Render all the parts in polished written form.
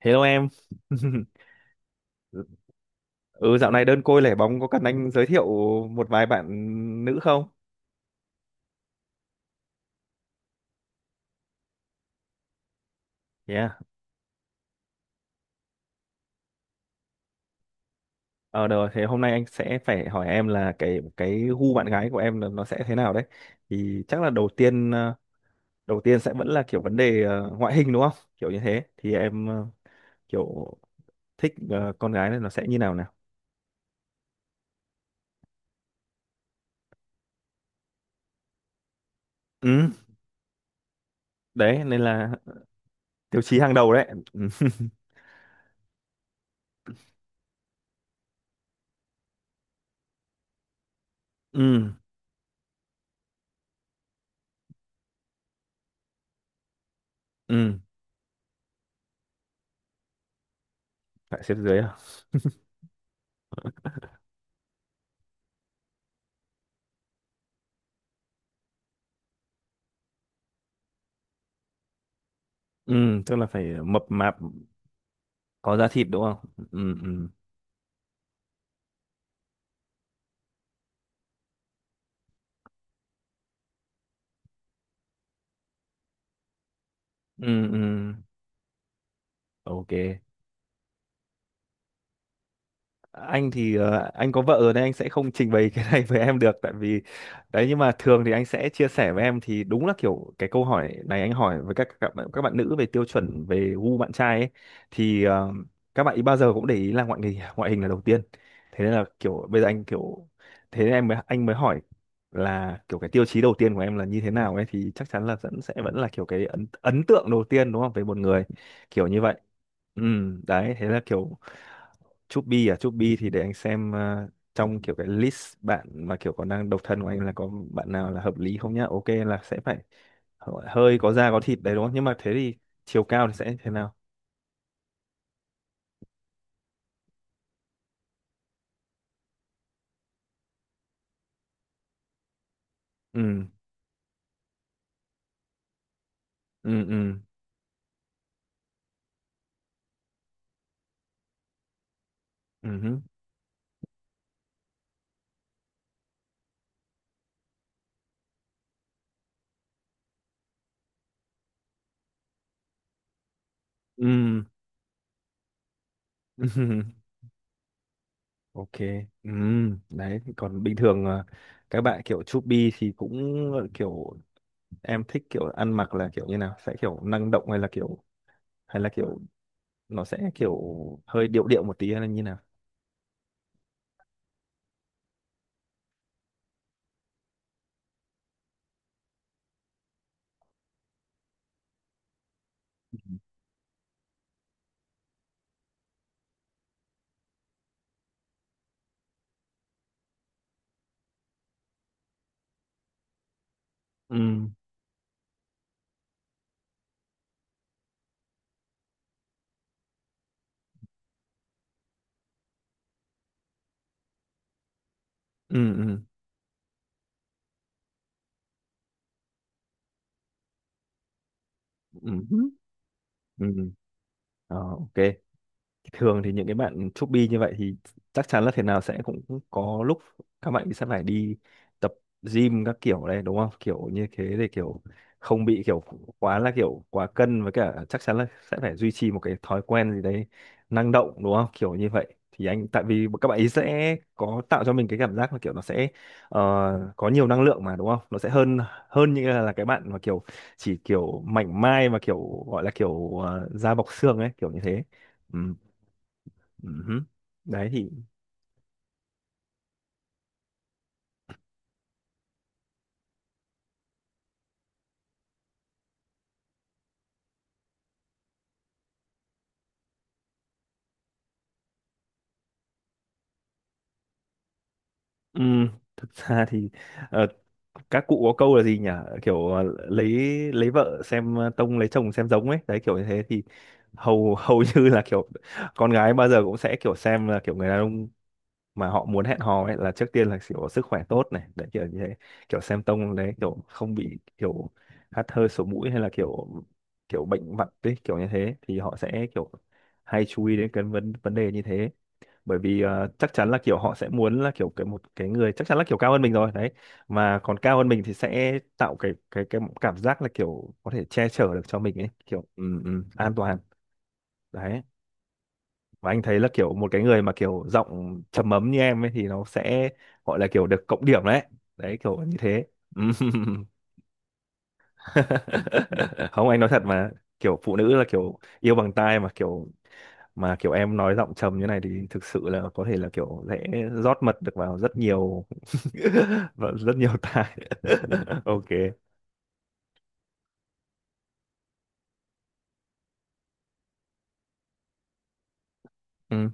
Hello em. Ừ, dạo này đơn côi lẻ bóng có cần anh giới thiệu một vài bạn nữ không? Yeah. Ờ được rồi, thế hôm nay anh sẽ phải hỏi em là cái gu bạn gái của em là nó sẽ thế nào đấy. Thì chắc là đầu tiên đầu tiên sẽ vẫn là kiểu vấn đề ngoại hình đúng không? Kiểu như thế thì em kiểu thích con gái này nó sẽ như nào nào? Ừ, đấy nên là tiêu chí hàng đầu đấy. Ừ. Ừ, ừ, phải xếp dưới à? Ừ, tức là phải mập mạp có da thịt đúng không? Ừ, ừ, ừ, ừ, ok. Anh thì anh có vợ rồi nên anh sẽ không trình bày cái này với em được, tại vì đấy, nhưng mà thường thì anh sẽ chia sẻ với em thì đúng là kiểu cái câu hỏi này anh hỏi với các bạn, các bạn nữ về tiêu chuẩn về gu bạn trai ấy thì các bạn ý bao giờ cũng để ý là ngoại hình, ngoại hình là đầu tiên. Thế nên là kiểu bây giờ anh kiểu thế nên em mới anh mới hỏi là kiểu cái tiêu chí đầu tiên của em là như thế nào ấy, thì chắc chắn là vẫn sẽ vẫn là kiểu cái ấn ấn tượng đầu tiên đúng không, về một người kiểu như vậy. Ừ, đấy thế là kiểu Chubby à. Chubby thì để anh xem trong kiểu cái list bạn mà kiểu còn đang độc thân của anh là có bạn nào là hợp lý không nhá. Ok, là sẽ phải hơi có da có thịt đấy đúng không, nhưng mà thế thì chiều cao thì sẽ thế nào? Ừ, ừ, ừ, ừ hứ, ừ, ừ. Ok, ừ. Đấy còn bình thường các bạn kiểu chubby thì cũng kiểu em thích kiểu ăn mặc là kiểu như nào, sẽ kiểu năng động hay là kiểu nó sẽ kiểu hơi điệu điệu một tí hay là như nào? Ừ, ừ, ừ, ừ, ừ, ừm, ô, thường thì những cái bạn chubby như vậy thì chắc chắn là thế nào sẽ cũng cũng có lúc các bạn sẽ phải đi tập gym các kiểu đấy đúng không, kiểu như thế để kiểu không bị kiểu quá là kiểu quá cân, với cả chắc chắn là sẽ phải duy trì một cái thói quen gì đấy năng động đúng không, kiểu như vậy thì anh tại vì các bạn ấy sẽ có tạo cho mình cái cảm giác là kiểu nó sẽ có nhiều năng lượng mà đúng không, nó sẽ hơn hơn như là cái bạn mà kiểu chỉ kiểu mảnh mai mà kiểu gọi là kiểu da bọc xương ấy, kiểu như thế. Ừ. Ừ hứ. Đấy thì ừm, thực ra thì ờ, các cụ có câu là gì nhỉ? Kiểu lấy lấy vợ xem tông, lấy chồng xem giống ấy. Đấy kiểu như thế thì hầu hầu như là kiểu con gái bao giờ cũng sẽ kiểu xem là kiểu người đàn ông mà họ muốn hẹn hò ấy là trước tiên là kiểu sức khỏe tốt này, đấy kiểu như thế. Kiểu xem tông đấy kiểu không bị kiểu hắt hơi sổ mũi hay là kiểu kiểu bệnh vặt ấy, kiểu như thế thì họ sẽ kiểu hay chú ý đến cái vấn vấn đề như thế. Bởi vì chắc chắn là kiểu họ sẽ muốn là kiểu cái một cái người chắc chắn là kiểu cao hơn mình rồi đấy, mà còn cao hơn mình thì sẽ tạo cái cảm giác là kiểu có thể che chở được cho mình ấy, kiểu ừ, ừ, an toàn đấy. Và anh thấy là kiểu một cái người mà kiểu giọng trầm ấm như em ấy thì nó sẽ gọi là kiểu được cộng điểm đấy, đấy kiểu như thế. Không, anh nói thật mà, kiểu phụ nữ là kiểu yêu bằng tai mà kiểu em nói giọng trầm như này thì thực sự là có thể là kiểu dễ rót mật được vào rất nhiều và rất nhiều tai. Ok, ừ.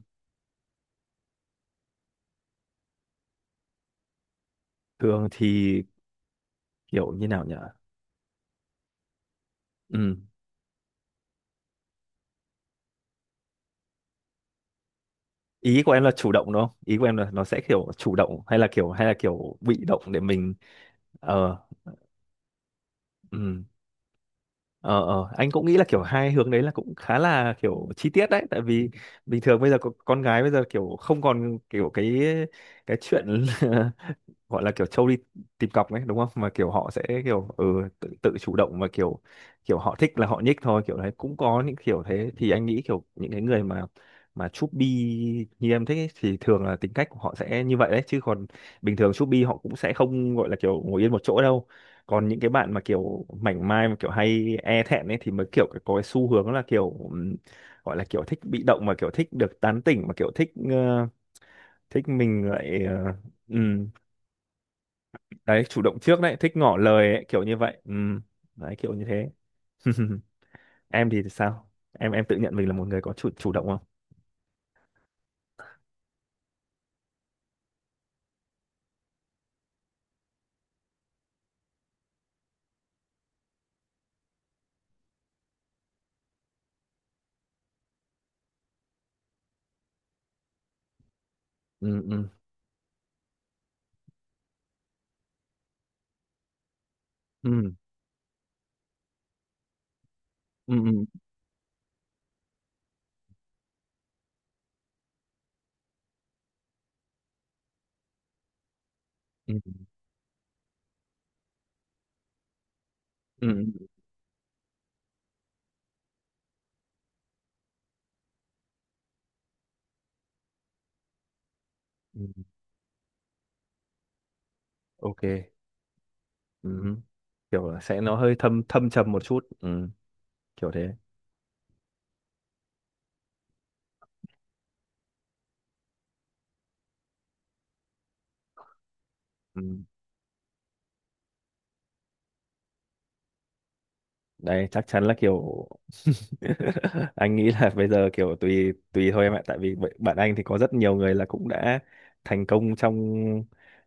Thường thì kiểu như nào nhỉ? Ừ. Ý của em là chủ động đúng không, ý của em là nó sẽ kiểu chủ động hay là kiểu bị động để mình ờ ừ. Ờ, anh cũng nghĩ là kiểu hai hướng đấy là cũng khá là kiểu chi tiết đấy, tại vì bình thường bây giờ có- con gái bây giờ kiểu không còn kiểu cái chuyện gọi là kiểu trâu đi tìm cọc ấy đúng không, mà kiểu họ sẽ kiểu ừ, tự chủ động và kiểu kiểu họ thích là họ nhích thôi kiểu đấy, cũng có những kiểu thế thì anh nghĩ kiểu những cái người mà chúc bi như em thích ấy, thì thường là tính cách của họ sẽ như vậy đấy, chứ còn bình thường chúc bi họ cũng sẽ không gọi là kiểu ngồi yên một chỗ đâu. Còn những cái bạn mà kiểu mảnh mai mà kiểu hay e thẹn ấy thì mới kiểu có cái xu hướng là kiểu gọi là kiểu thích bị động mà kiểu thích được tán tỉnh mà kiểu thích thích mình lại. uh, đấy chủ động trước đấy, thích ngỏ lời ấy, kiểu như vậy. Ừ, đấy kiểu như thế. Em thì sao, em tự nhận mình là một người có chủ chủ động không? Ừ, ừ, ừ, ừ, ừ, ừ, ừ. Ừ. Ok, ừ. Kiểu là sẽ nó hơi thâm thâm trầm một chút. Ừ. Kiểu thế. Ừ. Đấy chắc chắn là kiểu anh nghĩ là bây giờ kiểu tùy tùy thôi em ạ, tại vì b- bạn anh thì có rất nhiều người là cũng đã thành công trong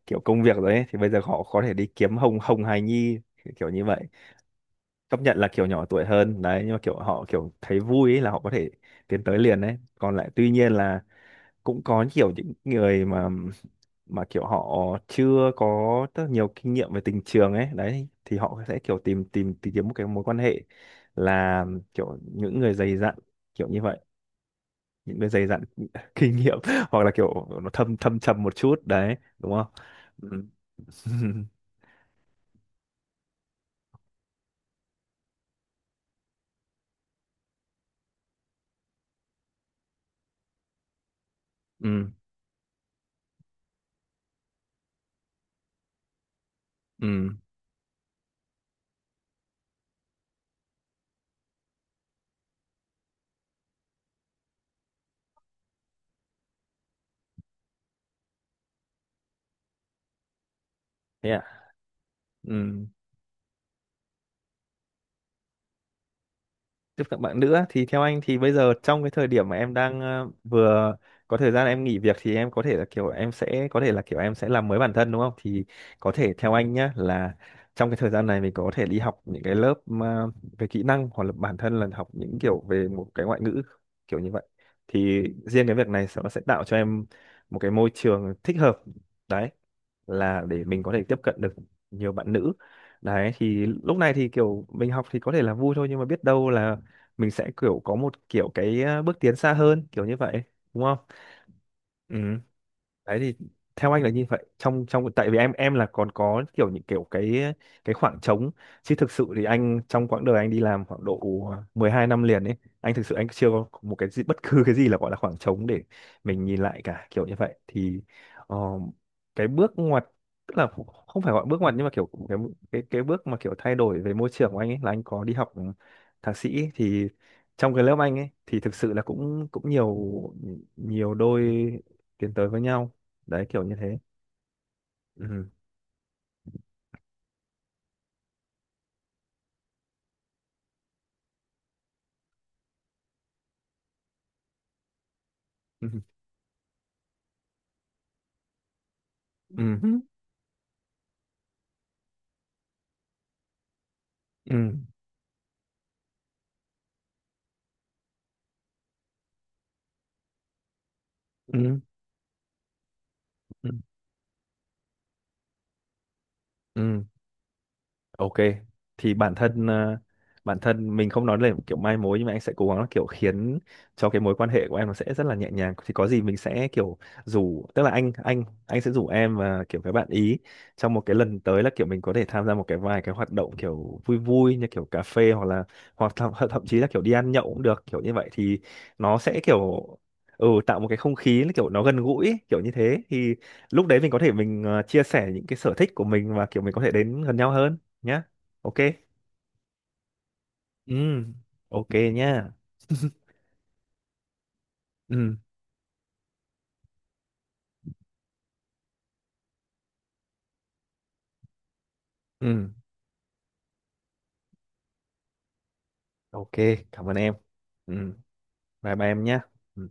kiểu công việc rồi ấy, thì bây giờ họ có thể đi kiếm hồng hồng hài nhi kiểu như vậy, chấp nhận là kiểu nhỏ tuổi hơn đấy nhưng mà kiểu họ kiểu thấy vui ấy là họ có thể tiến tới liền đấy. Còn lại tuy nhiên là cũng có kiểu những người mà kiểu họ chưa có rất nhiều kinh nghiệm về tình trường ấy, đấy thì họ sẽ kiểu tìm tìm tìm kiếm một cái mối quan hệ là kiểu những người dày dặn kiểu như vậy, những người dày dặn kinh nghiệm, hoặc là kiểu nó thâm thâm trầm một chút đấy đúng không. Ừ. Ừ, ừ, thế à. Ừ, tiếp cận bạn nữa thì theo anh thì bây giờ trong cái thời điểm mà em đang vừa có thời gian em nghỉ việc thì em có thể là kiểu em sẽ có thể là kiểu em sẽ làm mới bản thân đúng không, thì có thể theo anh nhá là trong cái thời gian này mình có thể đi học những cái lớp mà về kỹ năng hoặc là bản thân là học những kiểu về một cái ngoại ngữ kiểu như vậy, thì riêng cái việc này sẽ- nó sẽ tạo cho em một cái môi trường thích hợp đấy, là để mình có thể tiếp cận được nhiều bạn nữ. Đấy thì lúc này thì kiểu mình học thì có thể là vui thôi, nhưng mà biết đâu là mình sẽ kiểu có một kiểu cái bước tiến xa hơn kiểu như vậy đúng không. Ừ, đấy thì theo anh là như vậy, trong trong tại vì em là còn có kiểu những kiểu cái khoảng trống, chứ thực sự thì anh trong quãng đời anh đi làm khoảng độ 12 năm liền ấy, anh thực sự anh chưa có một cái gì, bất cứ cái gì là gọi là khoảng trống để mình nhìn lại cả kiểu như vậy. Thì ờ, cái bước ngoặt, tức là không phải gọi bước ngoặt nhưng mà kiểu cái bước mà kiểu thay đổi về môi trường của anh ấy là anh có đi học thạc sĩ thì trong cái lớp anh ấy thì thực sự là cũng cũng nhiều nhiều đôi tiến tới với nhau, đấy kiểu như thế. Ừ. Ừ. Ừ. Ừ. Ừ. Ừ. Ok, thì bản thân bản thân mình không nói là kiểu mai mối nhưng mà anh sẽ cố gắng là kiểu khiến cho cái mối quan hệ của em nó sẽ rất là nhẹ nhàng. Thì có gì mình sẽ kiểu rủ, tức là anh sẽ rủ em và kiểu các bạn ý trong một cái lần tới là kiểu mình có thể tham gia một cái vài cái hoạt động kiểu vui vui như kiểu cà phê hoặc là hoặc thậm chí là kiểu đi ăn nhậu cũng được kiểu như vậy, thì nó sẽ kiểu ừ, tạo một cái không khí nó kiểu nó gần gũi ấy, kiểu như thế thì lúc đấy mình có thể mình chia sẻ những cái sở thích của mình và kiểu mình có thể đến gần nhau hơn nhá. Ok, ừ, ok nhá. Ừ, ừ, ok, cảm ơn em. Ừ, bye bye em nhá. Ừ.